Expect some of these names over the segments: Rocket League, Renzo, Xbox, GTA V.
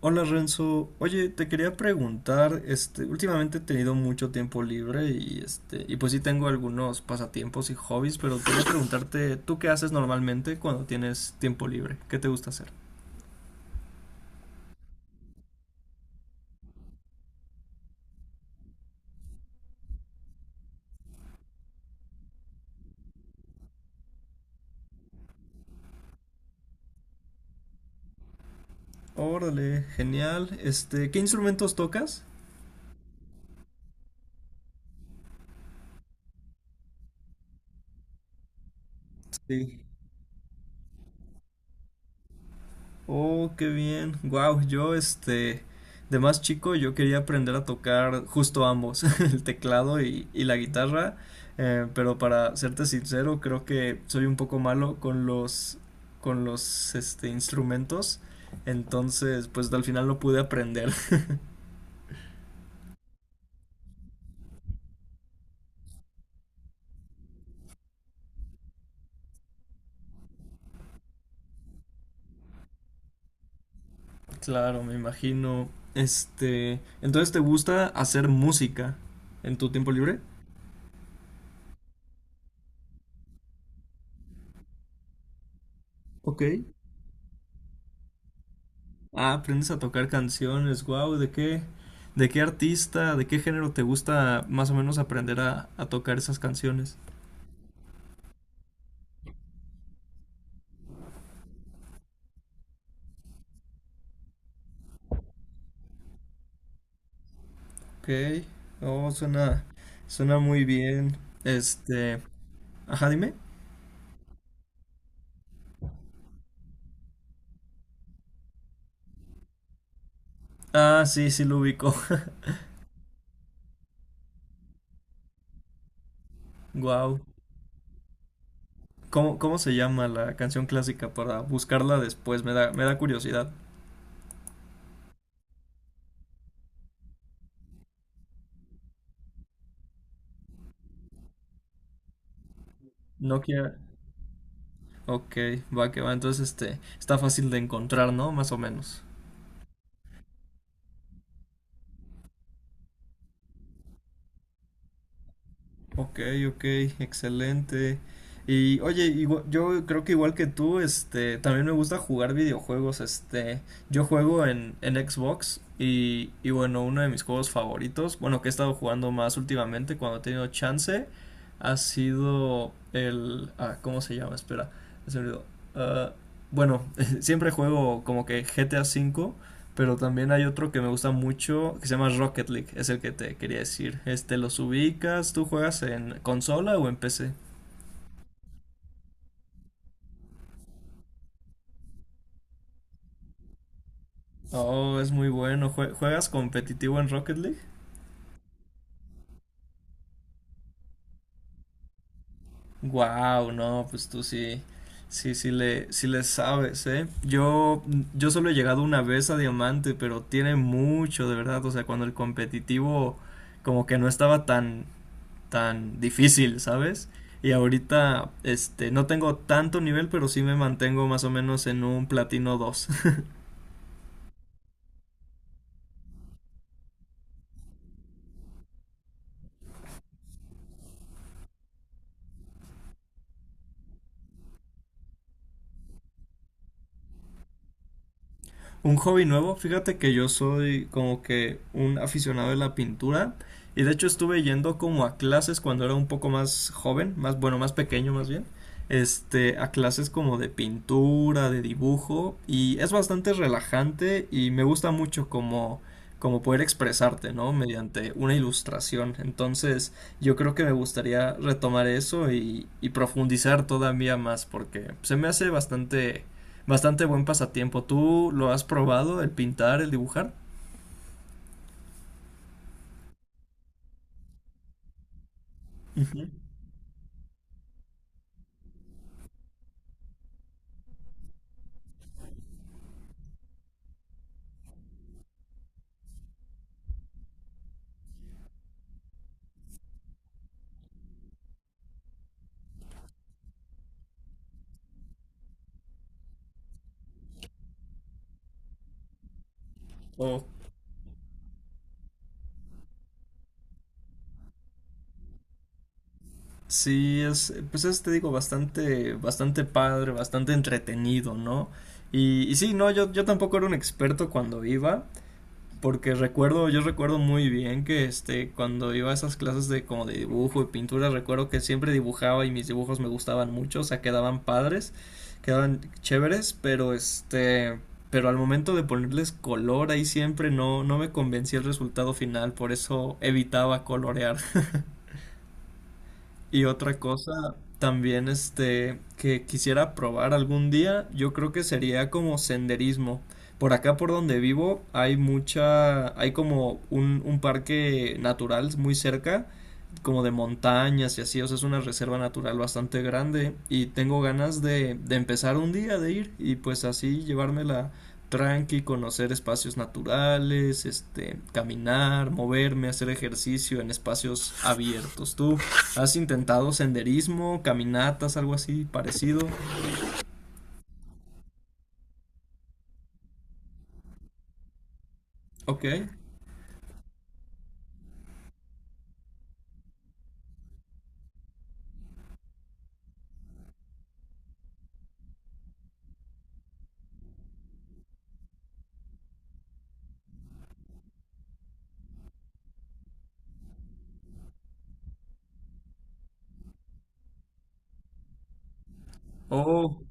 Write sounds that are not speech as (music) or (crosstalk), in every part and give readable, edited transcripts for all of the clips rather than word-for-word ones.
Hola Renzo, oye, te quería preguntar, últimamente he tenido mucho tiempo libre y pues sí tengo algunos pasatiempos y hobbies, pero quería preguntarte, ¿tú qué haces normalmente cuando tienes tiempo libre? ¿Qué te gusta hacer? Órale, genial. ¿Qué instrumentos tocas? Sí. Oh, qué bien. Wow, yo este de más chico yo quería aprender a tocar justo ambos, (laughs) el teclado y la guitarra, pero para serte sincero, creo que soy un poco malo con los instrumentos, entonces pues al final no pude aprender. (laughs) Claro, me imagino. Entonces, ¿te gusta hacer música en tu tiempo libre? Ok. Ah, aprendes a tocar canciones, wow, ¿de qué artista, de qué género te gusta más o menos aprender a tocar esas canciones? Ok, oh, suena muy bien. Este, ajá, dime. Ah, sí, sí lo ubico. (laughs) Wow. ¿Cómo se llama la canción clásica para buscarla después? Me da curiosidad. Nokia, quiero. Ok, va que va. Entonces, está fácil de encontrar, ¿no? Más o menos. Ok, ok, excelente. Y oye, yo creo que igual que tú, también me gusta jugar videojuegos, yo juego en Xbox y bueno, uno de mis juegos favoritos, bueno, que he estado jugando más últimamente cuando he tenido chance, ha sido el, ah, ¿cómo se llama? Espera, se me olvidó. Ah, bueno, (laughs) siempre juego como que GTA V, pero también hay otro que me gusta mucho que se llama Rocket League, es el que te quería decir. Los ubicas, ¿tú juegas en consola o en PC? Oh, es muy bueno. ¿Juegas competitivo en Rocket League? Wow, no, pues tú sí, sí, sí le sabes, ¿eh? Yo solo he llegado una vez a Diamante, pero tiene mucho, de verdad. O sea, cuando el competitivo como que no estaba tan, tan difícil, ¿sabes? Y ahorita, no tengo tanto nivel, pero sí me mantengo más o menos en un platino 2. Un hobby nuevo, fíjate que yo soy como que un aficionado de la pintura y de hecho estuve yendo como a clases cuando era un poco más joven, más bueno, más pequeño más bien, a clases como de pintura, de dibujo y es bastante relajante y me gusta mucho como poder expresarte, ¿no? Mediante una ilustración. Entonces, yo creo que me gustaría retomar eso y profundizar todavía más porque se me hace bastante buen pasatiempo. ¿Tú lo has probado, el pintar, el dibujar? Ujú. Oh, sí, pues es, te digo, bastante, bastante padre, bastante entretenido, ¿no? Y sí, no, yo tampoco era un experto cuando iba, porque yo recuerdo muy bien que cuando iba a esas clases de como de dibujo y pintura, recuerdo que siempre dibujaba y mis dibujos me gustaban mucho, o sea, quedaban padres, quedaban chéveres, pero al momento de ponerles color ahí siempre no me convencía el resultado final, por eso evitaba colorear. (laughs) Y otra cosa también que quisiera probar algún día, yo creo que sería como senderismo. Por acá por donde vivo hay como un parque natural muy cerca, como de montañas y así, o sea, es una reserva natural bastante grande y tengo ganas de empezar un día de ir y pues así llevármela tranqui, conocer espacios naturales, caminar, moverme, hacer ejercicio en espacios abiertos. ¿Tú ¿Has intentado senderismo, caminatas, algo así parecido? Ok. Oh,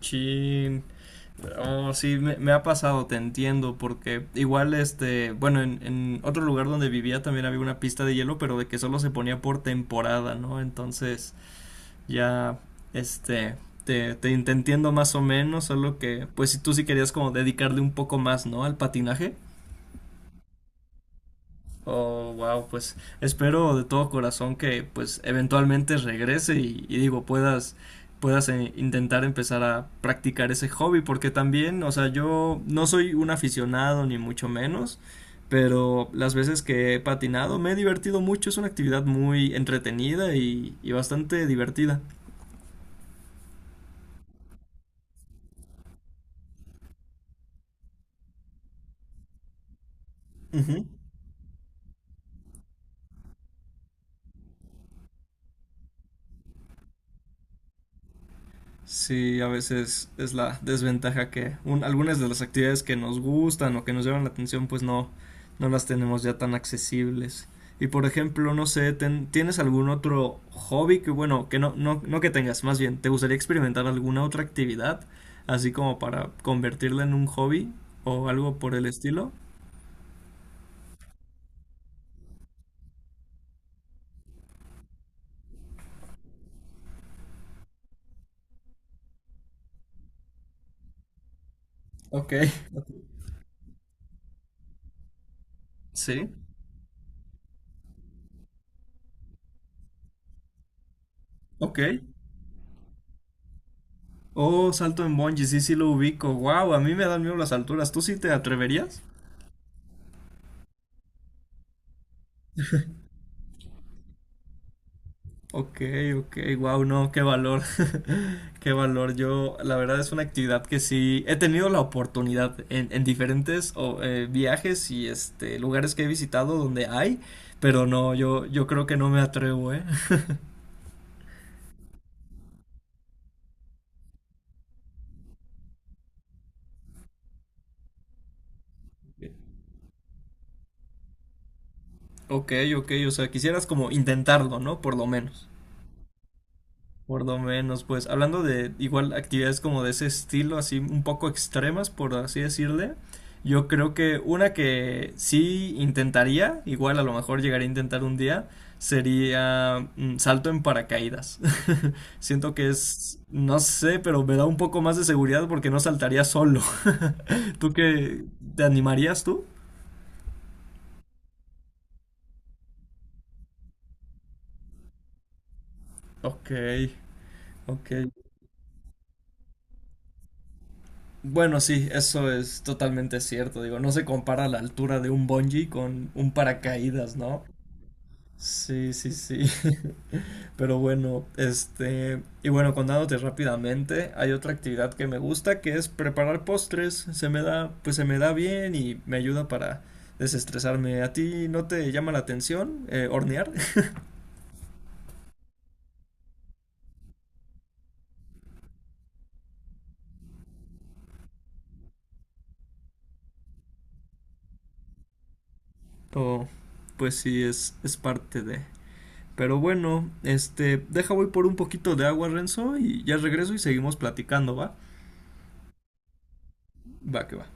chin. Oh, sí, me ha pasado, te entiendo, porque igual bueno, en otro lugar donde vivía también había una pista de hielo, pero de que solo se ponía por temporada, ¿no? Entonces, ya, este, te entiendo más o menos, solo que, pues si tú sí querías como dedicarle un poco más, ¿no? Al patinaje. Oh, wow, pues espero de todo corazón que pues eventualmente regrese y digo, puedas intentar empezar a practicar ese hobby, porque también, o sea, yo no soy un aficionado ni mucho menos, pero las veces que he patinado me he divertido mucho, es una actividad muy entretenida y bastante divertida. Ujú. Sí, a veces es la desventaja que algunas de las actividades que nos gustan o que nos llaman la atención, pues no las tenemos ya tan accesibles. Y por ejemplo, no sé, ¿tienes algún otro hobby que, bueno, que no que tengas, más bien, ¿te gustaría experimentar alguna otra actividad, así como para convertirla en un hobby o algo por el estilo? Ok, sí, ok. Oh, salto en bungee, sí, sí lo ubico. Wow, a mí me dan miedo las alturas. ¿Tú sí te atreverías? Ok, ok, wow, no, qué valor, (laughs) qué valor. Yo, la verdad es una actividad que sí he tenido la oportunidad en diferentes viajes y lugares que he visitado donde hay, pero no, yo creo que no me atrevo, ¿eh? (laughs) Ok, ok, o sea, quisieras como intentarlo, ¿no? Por lo menos. Por lo menos, pues hablando de igual actividades como de ese estilo, así un poco extremas, por así decirle, yo creo que una que sí intentaría, igual a lo mejor llegaría a intentar un día, sería salto en paracaídas. (laughs) Siento que es, no sé, pero me da un poco más de seguridad porque no saltaría solo. (laughs) ¿Tú qué? ¿Te animarías tú? Ok, ok. Bueno, sí, eso es totalmente cierto. Digo, no se compara la altura de un bungee con un paracaídas, ¿no? Sí, sí, sí. (laughs) Pero bueno, y bueno, contándote rápidamente, hay otra actividad que me gusta que es preparar postres. Se me da, pues se me da bien y me ayuda para desestresarme. ¿A ti no te llama la atención hornear? (laughs) O pues sí, es parte de. Pero bueno, deja voy por un poquito de agua, Renzo, y ya regreso y seguimos platicando, ¿va? Va, que va.